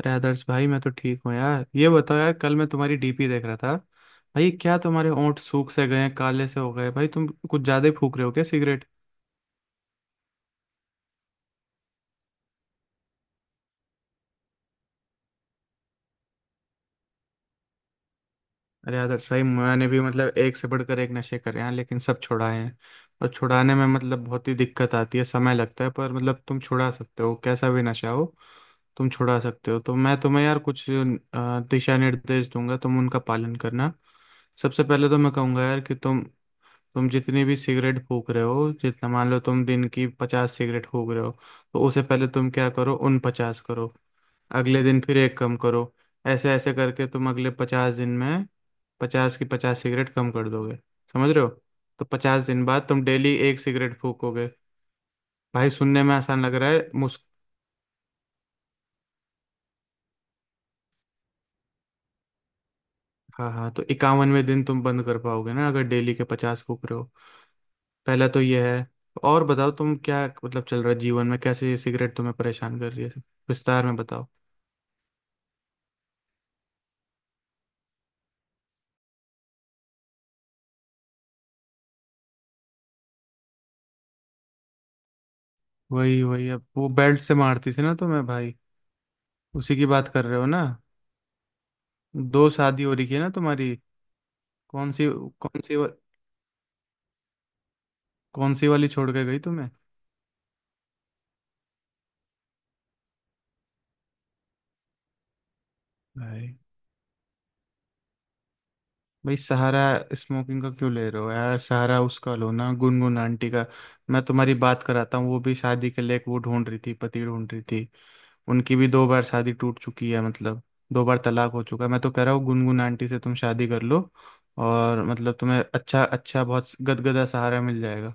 अरे आदर्श भाई, मैं तो ठीक हूँ यार। ये बताओ यार, कल मैं तुम्हारी डीपी देख रहा था। भाई क्या तुम्हारे होंठ सूख से गए हैं? काले से हो गए। भाई तुम कुछ ज्यादा ही फूक रहे हो क्या सिगरेट? अरे यार सही, मैंने भी मतलब एक से बढ़कर एक नशे करे हैं लेकिन सब छुड़ाए हैं। और छुड़ाने में मतलब बहुत ही दिक्कत आती है, समय लगता है, पर मतलब तुम छुड़ा सकते हो, कैसा भी नशा हो तुम छुड़ा सकते हो। तो मैं तुम्हें यार कुछ दिशा निर्देश दूंगा, तुम उनका पालन करना। सबसे पहले तो मैं कहूंगा यार कि तुम जितनी भी सिगरेट फूक रहे हो, जितना मान लो तुम दिन की 50 सिगरेट फूक रहे हो, तो उसे पहले तुम क्या करो, उन 50 करो। अगले दिन फिर एक कम करो। ऐसे ऐसे करके तुम अगले 50 दिन में 50 की 50 सिगरेट कम कर दोगे। समझ रहे हो? तो 50 दिन बाद तुम डेली एक सिगरेट फूकोगे। भाई सुनने में आसान लग रहा है मुस हाँ हाँ, तो 51वें दिन तुम बंद कर पाओगे ना, अगर डेली के 50 फूक रहे हो। पहला तो ये है। और बताओ तुम क्या मतलब चल रहा है जीवन में? कैसे ये सिगरेट तुम्हें परेशान कर रही है, विस्तार में बताओ। वही वही, अब वो बेल्ट से मारती थी ना तुम्हें भाई? उसी की बात कर रहे हो ना? दो शादी हो रही है ना तुम्हारी। कौन सी, कौन सी, कौन सी वाली छोड़ के गई तुम्हें? भाई भाई, सहारा स्मोकिंग का क्यों ले रहे हो यार? सहारा उसका लो ना, गुनगुन आंटी का। मैं तुम्हारी बात कराता हूँ, वो भी शादी के लिए एक वो ढूंढ रही थी, पति ढूंढ रही थी। उनकी भी दो बार शादी टूट चुकी है, मतलब दो बार तलाक हो चुका है। मैं तो कह रहा हूँ गुनगुन आंटी से तुम शादी कर लो, और मतलब तुम्हें अच्छा अच्छा बहुत गदगदा सहारा मिल जाएगा।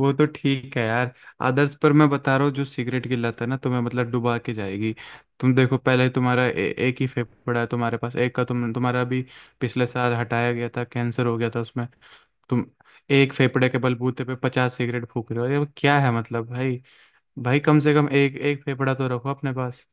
वो तो ठीक है यार आदर्श, पर मैं बता रहा हूँ जो सिगरेट की लत है ना तुम्हें, मतलब डुबा के जाएगी। तुम देखो, पहले तुम्हारा एक ही फेफड़ा है तुम्हारे पास, एक का तुम तुम्हारा अभी पिछले साल हटाया गया था, कैंसर हो गया था उसमें। तुम एक फेफड़े के बलबूते पे 50 सिगरेट फूक रहे हो, ये क्या है मतलब भाई भाई कम से कम एक एक फेफड़ा तो रखो अपने पास।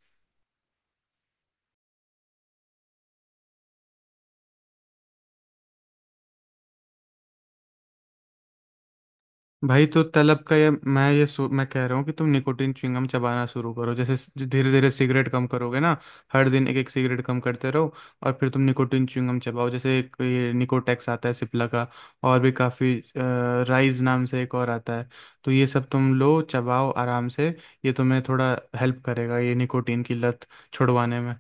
भाई तो तलब का ये मैं कह रहा हूँ कि तुम निकोटीन च्युइंगम चबाना शुरू करो। जैसे धीरे धीरे सिगरेट कम करोगे ना, हर दिन एक एक सिगरेट कम करते रहो। और फिर तुम निकोटीन च्युइंगम चबाओ। जैसे एक ये निकोटेक्स आता है सिप्ला का, और भी काफ़ी राइज नाम से एक और आता है, तो ये सब तुम लो चबाओ आराम से। ये तुम्हें थोड़ा हेल्प करेगा ये निकोटीन की लत छुड़वाने में।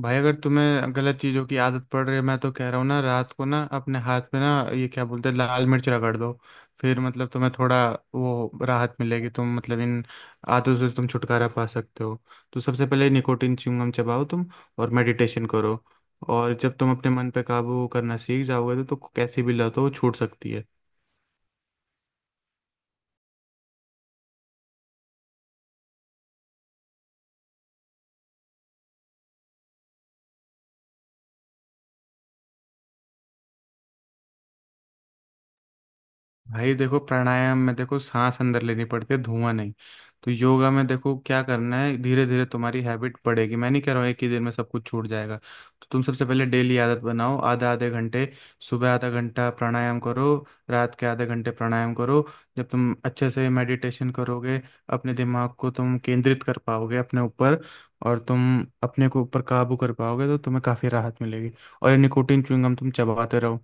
भाई अगर तुम्हें गलत चीज़ों की आदत पड़ रही है, मैं तो कह रहा हूँ ना रात को ना अपने हाथ में ना, ये क्या बोलते हैं, लाल मिर्च रगड़ दो। फिर मतलब तुम्हें थोड़ा वो राहत मिलेगी, तुम मतलब इन आदतों से तुम छुटकारा पा सकते हो। तो सबसे पहले निकोटिन च्युइंगम चबाओ तुम, और मेडिटेशन करो। और जब तुम अपने मन पे काबू करना सीख जाओगे तो कैसी भी लत हो वो छूट सकती है। भाई देखो, प्राणायाम में देखो सांस अंदर लेनी पड़ती है, धुआं नहीं। तो योगा में देखो क्या करना है, धीरे धीरे तुम्हारी हैबिट पड़ेगी। मैं नहीं कह रहा हूँ एक ही दिन में सब कुछ छूट जाएगा। तो तुम सबसे पहले डेली आदत बनाओ, आधा आधे घंटे। सुबह आधा घंटा प्राणायाम करो, रात के आधे घंटे प्राणायाम करो। जब तुम अच्छे से मेडिटेशन करोगे, अपने दिमाग को तुम केंद्रित कर पाओगे अपने ऊपर, और तुम अपने को ऊपर काबू कर पाओगे, तो तुम्हें काफ़ी राहत मिलेगी। और ये निकोटिन च्युइंगम तुम चबाते रहो।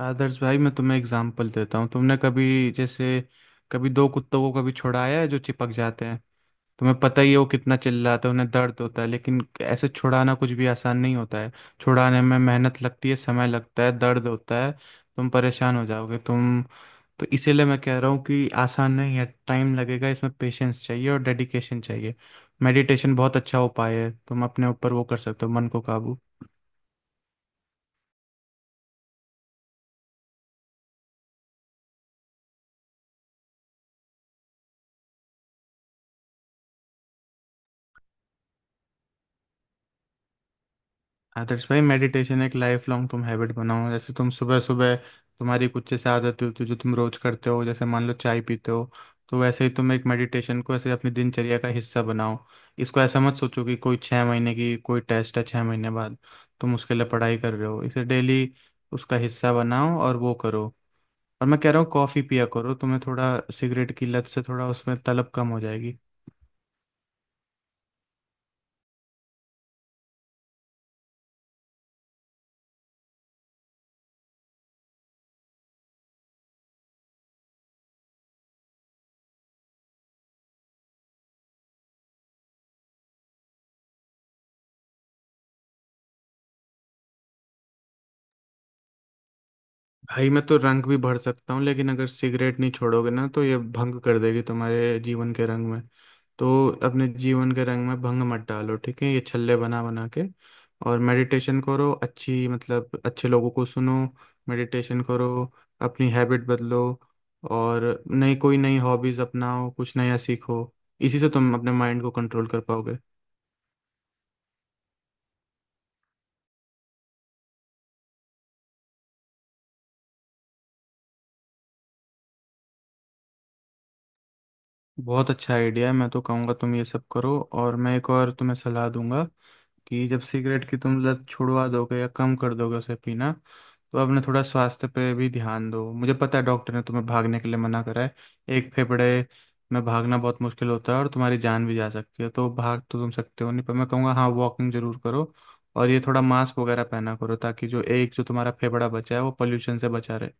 आदर्श भाई मैं तुम्हें एग्जांपल देता हूँ। तुमने कभी जैसे, कभी दो कुत्तों को कभी छुड़ाया है जो चिपक जाते हैं? तुम्हें पता ही है वो कितना चिल्लाते हैं, उन्हें दर्द होता है। लेकिन ऐसे छुड़ाना कुछ भी आसान नहीं होता है। छुड़ाने में मेहनत लगती है, समय लगता है, दर्द होता है, तुम परेशान हो जाओगे तुम। तो इसीलिए मैं कह रहा हूँ कि आसान नहीं है, टाइम लगेगा, इसमें पेशेंस चाहिए और डेडिकेशन चाहिए। मेडिटेशन बहुत अच्छा उपाय है, तुम अपने ऊपर वो कर सकते हो, मन को काबू। आदर्श भाई, मेडिटेशन एक लाइफ लॉन्ग तुम हैबिट बनाओ। जैसे तुम सुबह सुबह तुम्हारी कुछ जैसे आदत होती है जो तुम रोज करते हो, जैसे मान लो चाय पीते हो, तो वैसे ही तुम एक मेडिटेशन को ऐसे अपनी दिनचर्या का हिस्सा बनाओ। इसको ऐसा मत सोचो कि कोई छः महीने की कोई टेस्ट है, 6 महीने बाद तुम उसके लिए पढ़ाई कर रहे हो। इसे डेली उसका हिस्सा बनाओ और वो करो। और मैं कह रहा हूँ कॉफ़ी पिया करो, तुम्हें थोड़ा सिगरेट की लत से थोड़ा उसमें तलब कम हो जाएगी। भाई मैं तो रंग भी भर सकता हूँ, लेकिन अगर सिगरेट नहीं छोड़ोगे ना, तो ये भंग कर देगी तुम्हारे जीवन के रंग में। तो अपने जीवन के रंग में भंग मत डालो, ठीक है? ये छल्ले बना बना के। और मेडिटेशन करो, अच्छी मतलब अच्छे लोगों को सुनो, मेडिटेशन करो, अपनी हैबिट बदलो, और नई कोई नई हॉबीज अपनाओ, कुछ नया सीखो। इसी से तुम अपने माइंड को कंट्रोल कर पाओगे। बहुत अच्छा आइडिया है। मैं तो कहूँगा तुम ये सब करो, और मैं एक और तुम्हें सलाह दूंगा कि जब सिगरेट की तुम लत छुड़वा दोगे या कम कर दोगे उसे पीना, तो अपने थोड़ा स्वास्थ्य पे भी ध्यान दो। मुझे पता है डॉक्टर ने तुम्हें भागने के लिए मना करा है, एक फेफड़े में भागना बहुत मुश्किल होता है और तुम्हारी जान भी जा सकती है। तो भाग तो तुम सकते हो नहीं, पर मैं कहूँगा हाँ वॉकिंग जरूर करो। और ये थोड़ा मास्क वगैरह पहना करो ताकि जो एक जो तुम्हारा फेफड़ा बचा है वो पोल्यूशन से बचा रहे।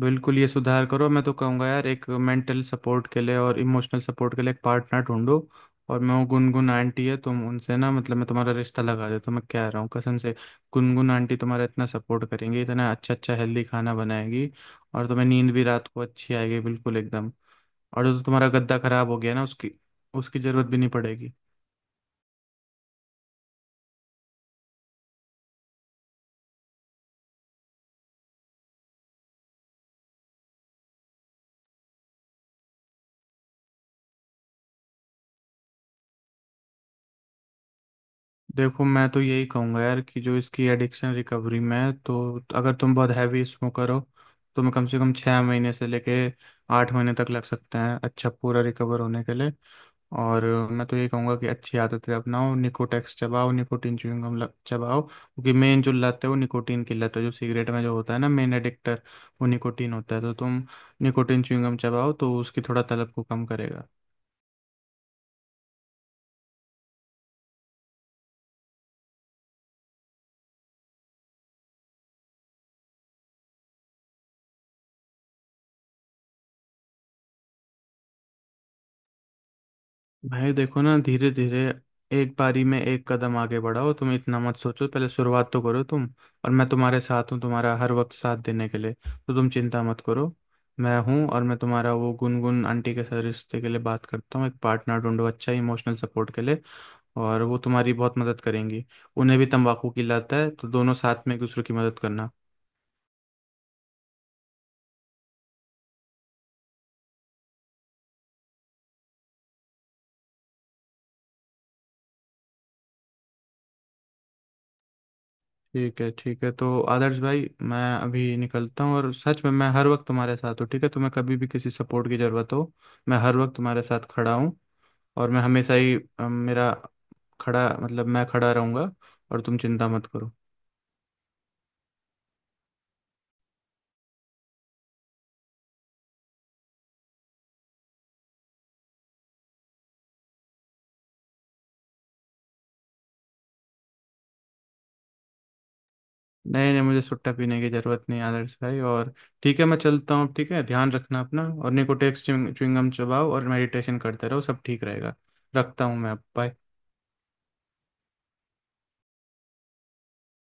बिल्कुल, ये सुधार करो। मैं तो कहूँगा यार, एक मेंटल सपोर्ट के लिए और इमोशनल सपोर्ट के लिए एक पार्टनर ढूंढो। और मैं, वो गुनगुन आंटी है, तुम उनसे ना मतलब मैं तुम्हारा रिश्ता लगा देता हूँ, मैं कह रहा हूँ कसम से। गुनगुन आंटी तुम्हारा इतना सपोर्ट करेंगी, इतना अच्छा अच्छा हेल्दी खाना बनाएगी, और तुम्हें नींद भी रात को अच्छी आएगी, बिल्कुल एकदम। और जो तुम्हारा गद्दा खराब हो गया ना, उसकी उसकी जरूरत भी नहीं पड़ेगी। देखो मैं तो यही कहूँगा यार कि जो इसकी एडिक्शन रिकवरी में है, तो अगर तुम बहुत हैवी स्मोकर हो, तो मैं कम से कम 6 महीने से लेके 8 महीने तक लग सकते हैं अच्छा पूरा रिकवर होने के लिए। और मैं तो यही कहूँगा कि अच्छी आदतें अपनाओ, निकोटेक्स चबाओ, निकोटीन च्युइंग गम चबाओ। क्योंकि मेन जो लत है वो निकोटीन की लत है, जो सिगरेट में जो होता है ना मेन एडिक्टर वो निकोटीन होता है। तो तुम निकोटीन च्युइंग गम चबाओ तो उसकी थोड़ा तलब को कम करेगा। भाई देखो ना, धीरे धीरे एक बारी में एक कदम आगे बढ़ाओ। तुम इतना मत सोचो, पहले शुरुआत तो करो तुम। और मैं तुम्हारे साथ हूँ तुम्हारा हर वक्त साथ देने के लिए, तो तुम चिंता मत करो, मैं हूँ। और मैं तुम्हारा वो गुनगुन आंटी के साथ रिश्ते के लिए बात करता हूँ, एक पार्टनर ढूंढो अच्छा इमोशनल सपोर्ट के लिए, और वो तुम्हारी बहुत मदद करेंगी। उन्हें भी तंबाकू की लत है, तो दोनों साथ में एक दूसरे की मदद करना। ठीक है ठीक है, तो आदर्श भाई मैं अभी निकलता हूँ। और सच में मैं हर वक्त तुम्हारे साथ हूँ, ठीक है? तुम्हें कभी भी किसी सपोर्ट की ज़रूरत हो, मैं हर वक्त तुम्हारे साथ खड़ा हूँ। और मैं हमेशा ही मेरा खड़ा मतलब मैं खड़ा रहूँगा। और तुम चिंता मत करो। नहीं नहीं, मुझे सुट्टा पीने की ज़रूरत नहीं आदर्श भाई। और ठीक है, मैं चलता हूँ, ठीक है? ध्यान रखना अपना, और निकोटेक्स च्युइंगम चबाओ और मेडिटेशन करते रहो, सब ठीक रहेगा। रखता हूँ मैं अब। Bye।